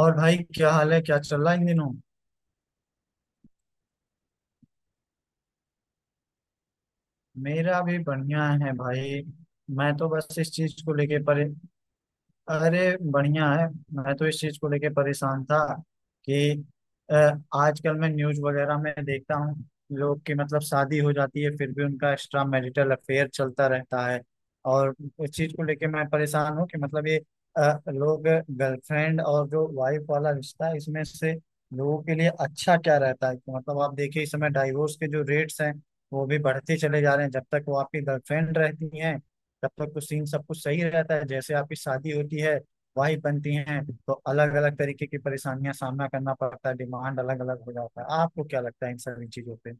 और भाई, क्या हाल है, क्या चल रहा है इन दिनों। मेरा भी बढ़िया है भाई। मैं तो बस इस चीज को लेके परे अरे, बढ़िया है। मैं तो इस चीज को लेके परेशान था कि अ, आजकल मैं न्यूज वगैरह में देखता हूँ, लोग की मतलब शादी हो जाती है फिर भी उनका एक्स्ट्रा मैरिटल अफेयर चलता रहता है। और इस चीज को लेके मैं परेशान हूँ कि मतलब ये लोग, गर्लफ्रेंड और जो वाइफ वाला रिश्ता है इसमें से लोगों के लिए अच्छा क्या रहता है। कि मतलब आप देखिए, इस समय डाइवोर्स के जो रेट्स हैं वो भी बढ़ते चले जा रहे हैं। जब तक वो आपकी गर्लफ्रेंड रहती हैं तब तक तो सीन सब कुछ सही रहता है, जैसे आपकी शादी होती है, वाइफ बनती हैं तो अलग अलग तरीके की परेशानियां सामना करना पड़ता है, डिमांड अलग अलग हो जाता है। आपको क्या लगता है इन सभी चीजों पे?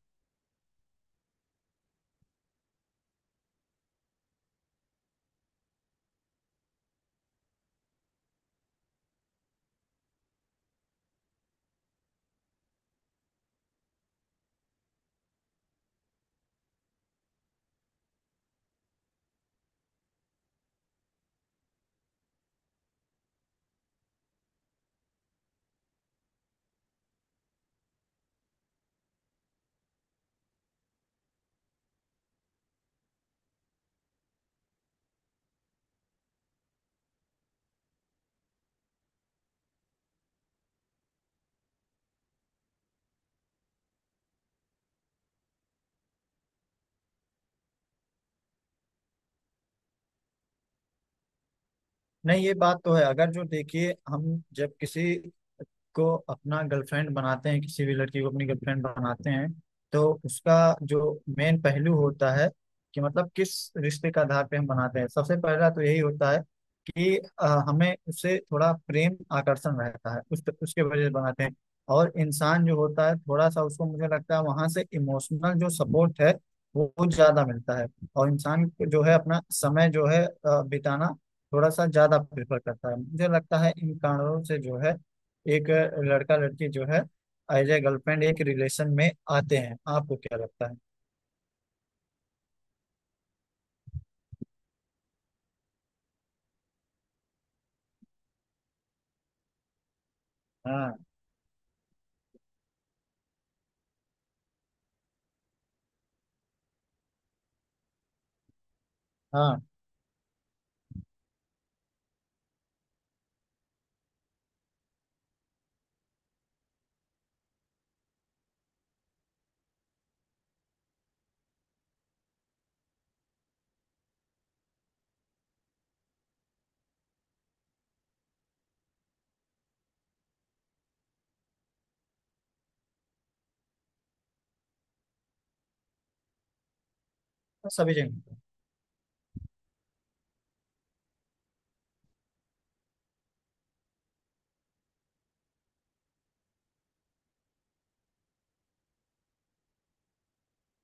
नहीं, ये बात तो है, अगर जो देखिए, हम जब किसी को अपना गर्लफ्रेंड बनाते हैं, किसी भी लड़की को अपनी गर्लफ्रेंड बनाते हैं, तो उसका जो मेन पहलू होता है कि मतलब किस रिश्ते का आधार पे हम बनाते हैं, सबसे पहला तो यही होता है कि हमें उससे थोड़ा प्रेम आकर्षण रहता है, उस उसके वजह से बनाते हैं। और इंसान जो होता है थोड़ा सा, उसको मुझे लगता है वहां से इमोशनल जो सपोर्ट है वो ज्यादा मिलता है। और इंसान को जो है अपना समय जो है बिताना थोड़ा सा ज्यादा प्रेफर करता है। मुझे लगता है इन कारणों से जो है, एक लड़का लड़की जो है एज ए गर्लफ्रेंड एक रिलेशन में आते हैं। आपको क्या लगता है? हाँ हाँ। सभी जगह।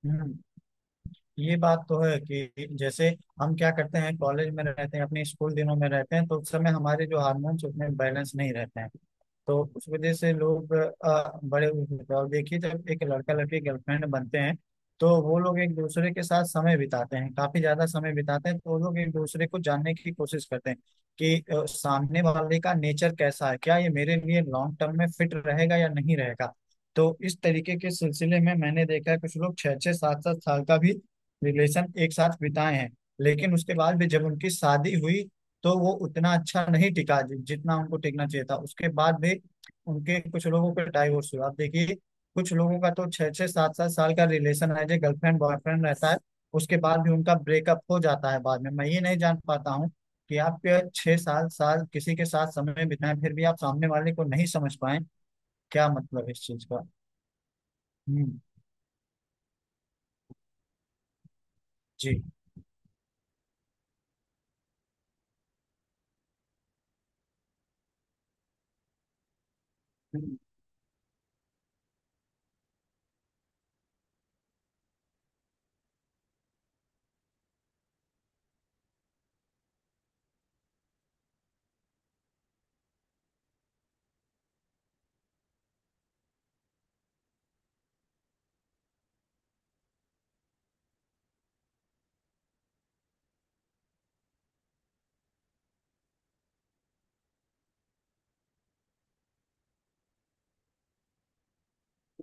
हम्म। ये बात तो है कि जैसे हम क्या करते हैं, कॉलेज में रहते हैं, अपने स्कूल दिनों में रहते हैं, तो उस समय हमारे जो हार्मोन्स उतने बैलेंस नहीं रहते हैं। तो उस वजह से लोग बड़े, और देखिए, जब एक लड़का लड़की गर्लफ्रेंड बनते हैं तो वो लोग एक दूसरे के साथ समय बिताते हैं, काफी ज्यादा समय बिताते हैं, तो वो लोग एक दूसरे को जानने की कोशिश करते हैं कि सामने वाले का नेचर कैसा है, क्या ये मेरे लिए लॉन्ग टर्म में फिट रहेगा या नहीं रहेगा। तो इस तरीके के सिलसिले में मैंने देखा है, कुछ लोग छः छः सात सात साल का भी रिलेशन एक साथ बिताए हैं, लेकिन उसके बाद भी जब उनकी शादी हुई तो वो उतना अच्छा नहीं टिका जितना उनको टिकना चाहिए था। उसके बाद भी उनके, कुछ लोगों के डाइवोर्स हुआ, आप देखिए। कुछ लोगों का तो छः छः सात सात साल का रिलेशन है, जो गर्लफ्रेंड बॉयफ्रेंड रहता है, उसके बाद भी उनका ब्रेकअप हो जाता है बाद में। मैं ये नहीं जान पाता हूँ कि आप के छः साल साल किसी के साथ समय बिताएं फिर भी आप सामने वाले को नहीं समझ पाए। क्या मतलब इस चीज का? हम्म। जी।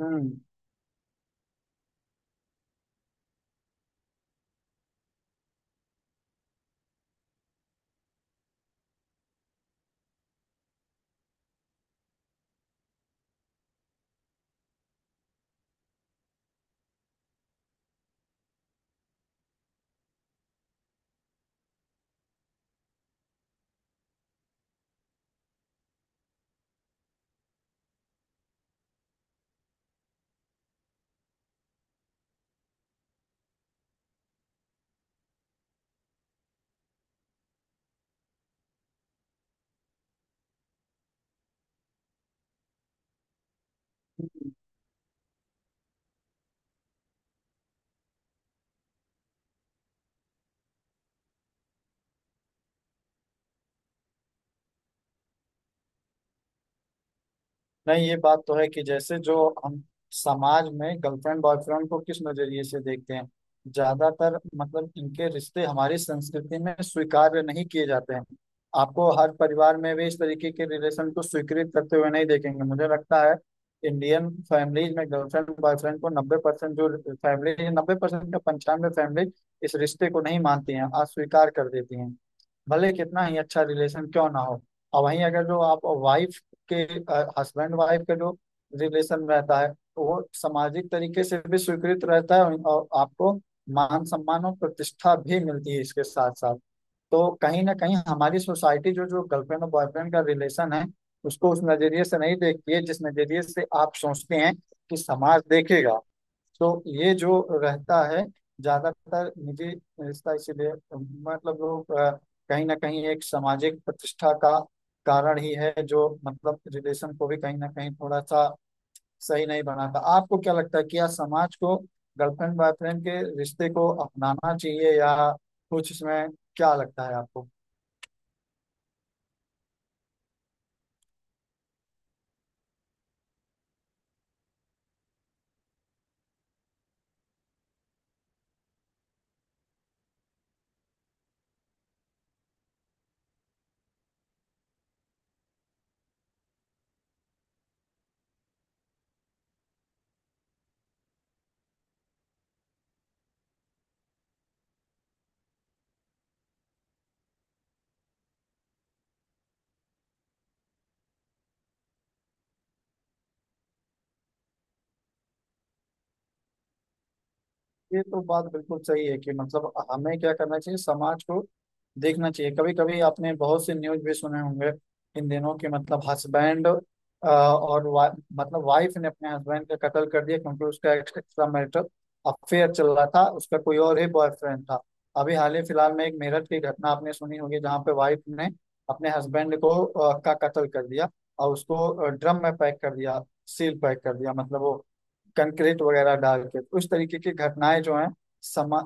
हम्म। नहीं, ये बात तो है कि जैसे जो हम समाज में गर्लफ्रेंड बॉयफ्रेंड को किस नजरिए से देखते हैं, ज्यादातर मतलब इनके रिश्ते हमारी संस्कृति में स्वीकार्य नहीं किए जाते हैं। आपको हर परिवार में भी इस तरीके के रिलेशन को स्वीकृत करते हुए नहीं देखेंगे। मुझे लगता है इंडियन फैमिलीज में गर्लफ्रेंड बॉयफ्रेंड को 90% जो फैमिली, 90% का 95 फैमिली इस रिश्ते को नहीं मानती हैं, अस्वीकार कर देती हैं, भले कितना ही अच्छा रिलेशन क्यों ना हो। और वहीं अगर जो आप वाइफ के, हस्बैंड वाइफ का जो रिलेशन रहता है, तो वो सामाजिक तरीके से भी स्वीकृत रहता है और आपको मान सम्मान और प्रतिष्ठा भी मिलती है इसके साथ साथ। तो कहीं ना कहीं हमारी सोसाइटी जो, जो गर्लफ्रेंड और बॉयफ्रेंड का रिलेशन है उसको उस नजरिए से नहीं देखती है जिस नजरिए से आप सोचते हैं कि समाज देखेगा। तो ये जो रहता है ज्यादातर निजी रिश्ता, इसीलिए मतलब लोग, कहीं ना कहीं एक सामाजिक प्रतिष्ठा का कारण ही है जो मतलब रिलेशन को भी कहीं ना कहीं थोड़ा सा सही नहीं बनाता। आपको क्या लगता है कि या समाज को गर्लफ्रेंड बॉयफ्रेंड के रिश्ते को अपनाना चाहिए, या कुछ इसमें, क्या लगता है आपको? ये तो बात बिल्कुल सही है कि मतलब हमें क्या करना चाहिए, समाज को देखना चाहिए। कभी कभी आपने बहुत से न्यूज भी सुने होंगे इन दिनों के, मतलब हस्बैंड और मतलब वाइफ ने अपने हस्बैंड का कत्ल कर दिया क्योंकि उसका एक्स्ट्रा मैरिटल अफेयर चल रहा था, उसका कोई और ही बॉयफ्रेंड था। अभी हाल ही फिलहाल में एक मेरठ की घटना आपने सुनी होगी जहाँ पे वाइफ ने अपने हस्बैंड को का कत्ल कर दिया और उसको ड्रम में पैक कर दिया, सील पैक कर दिया, मतलब वो कंक्रीट वगैरह डाल के। तो उस तरीके की घटनाएं जो हैं, समा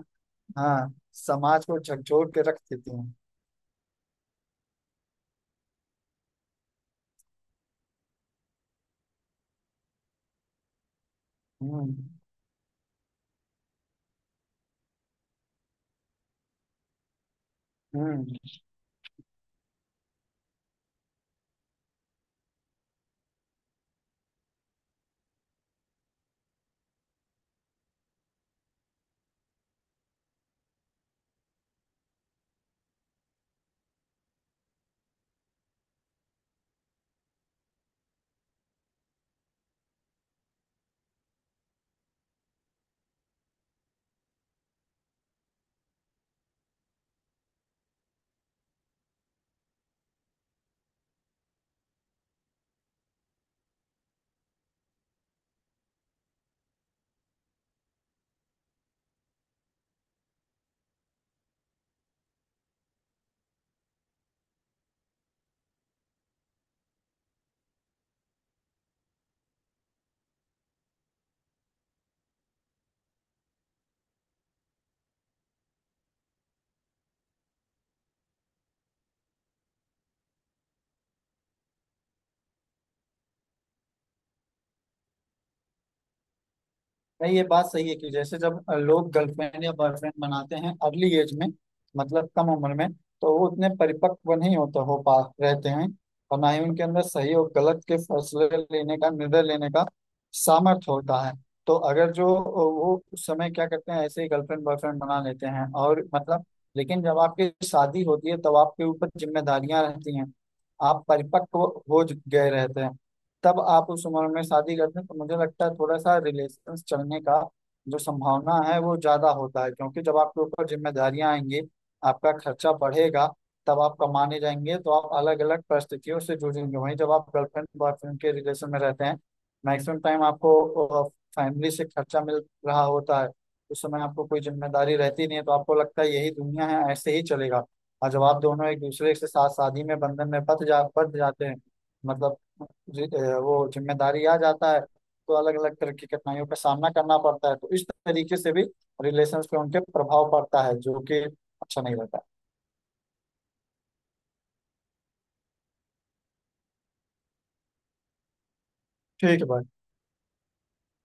हाँ, समाज को झकझोर के रख देती हैं। हम्म। हम्म। नहीं, ये बात सही है कि जैसे जब लोग गर्लफ्रेंड या बॉयफ्रेंड बनाते हैं अर्ली एज में, मतलब कम उम्र में, तो वो उतने परिपक्व नहीं होते हो पा रहते हैं, और ना ही उनके अंदर सही और गलत के फैसले लेने का, निर्णय लेने का सामर्थ्य होता है। तो अगर जो वो उस समय क्या करते हैं, ऐसे ही गर्लफ्रेंड बॉयफ्रेंड बना लेते हैं, और मतलब, लेकिन जब आपकी शादी होती है तब आपके ऊपर जिम्मेदारियां रहती हैं, आप परिपक्व हो गए रहते हैं। तब आप उस उम्र में शादी करते हैं तो मुझे लगता है थोड़ा सा रिलेशन चलने का जो संभावना है वो ज्यादा होता है, क्योंकि जब आपके ऊपर जिम्मेदारियां आएंगी, आपका खर्चा बढ़ेगा, तब आप कमाने जाएंगे तो आप अलग अलग परिस्थितियों से जूझेंगे। वहीं जब आप गर्लफ्रेंड बॉयफ्रेंड के रिलेशन में रहते हैं, मैक्सिमम टाइम आपको फैमिली से खर्चा मिल रहा होता है, उस समय आपको कोई जिम्मेदारी रहती नहीं है, तो आपको लगता है यही दुनिया है, ऐसे ही चलेगा। और जब आप दोनों एक दूसरे के साथ शादी में बंधन में बंध जाते हैं, मतलब जी, वो जिम्मेदारी आ जाता है, तो अलग अलग तरह की कठिनाइयों का सामना करना पड़ता है। तो इस तरीके से भी रिलेशंस पे उनके प्रभाव पड़ता है जो कि अच्छा नहीं रहता। ठीक है भाई।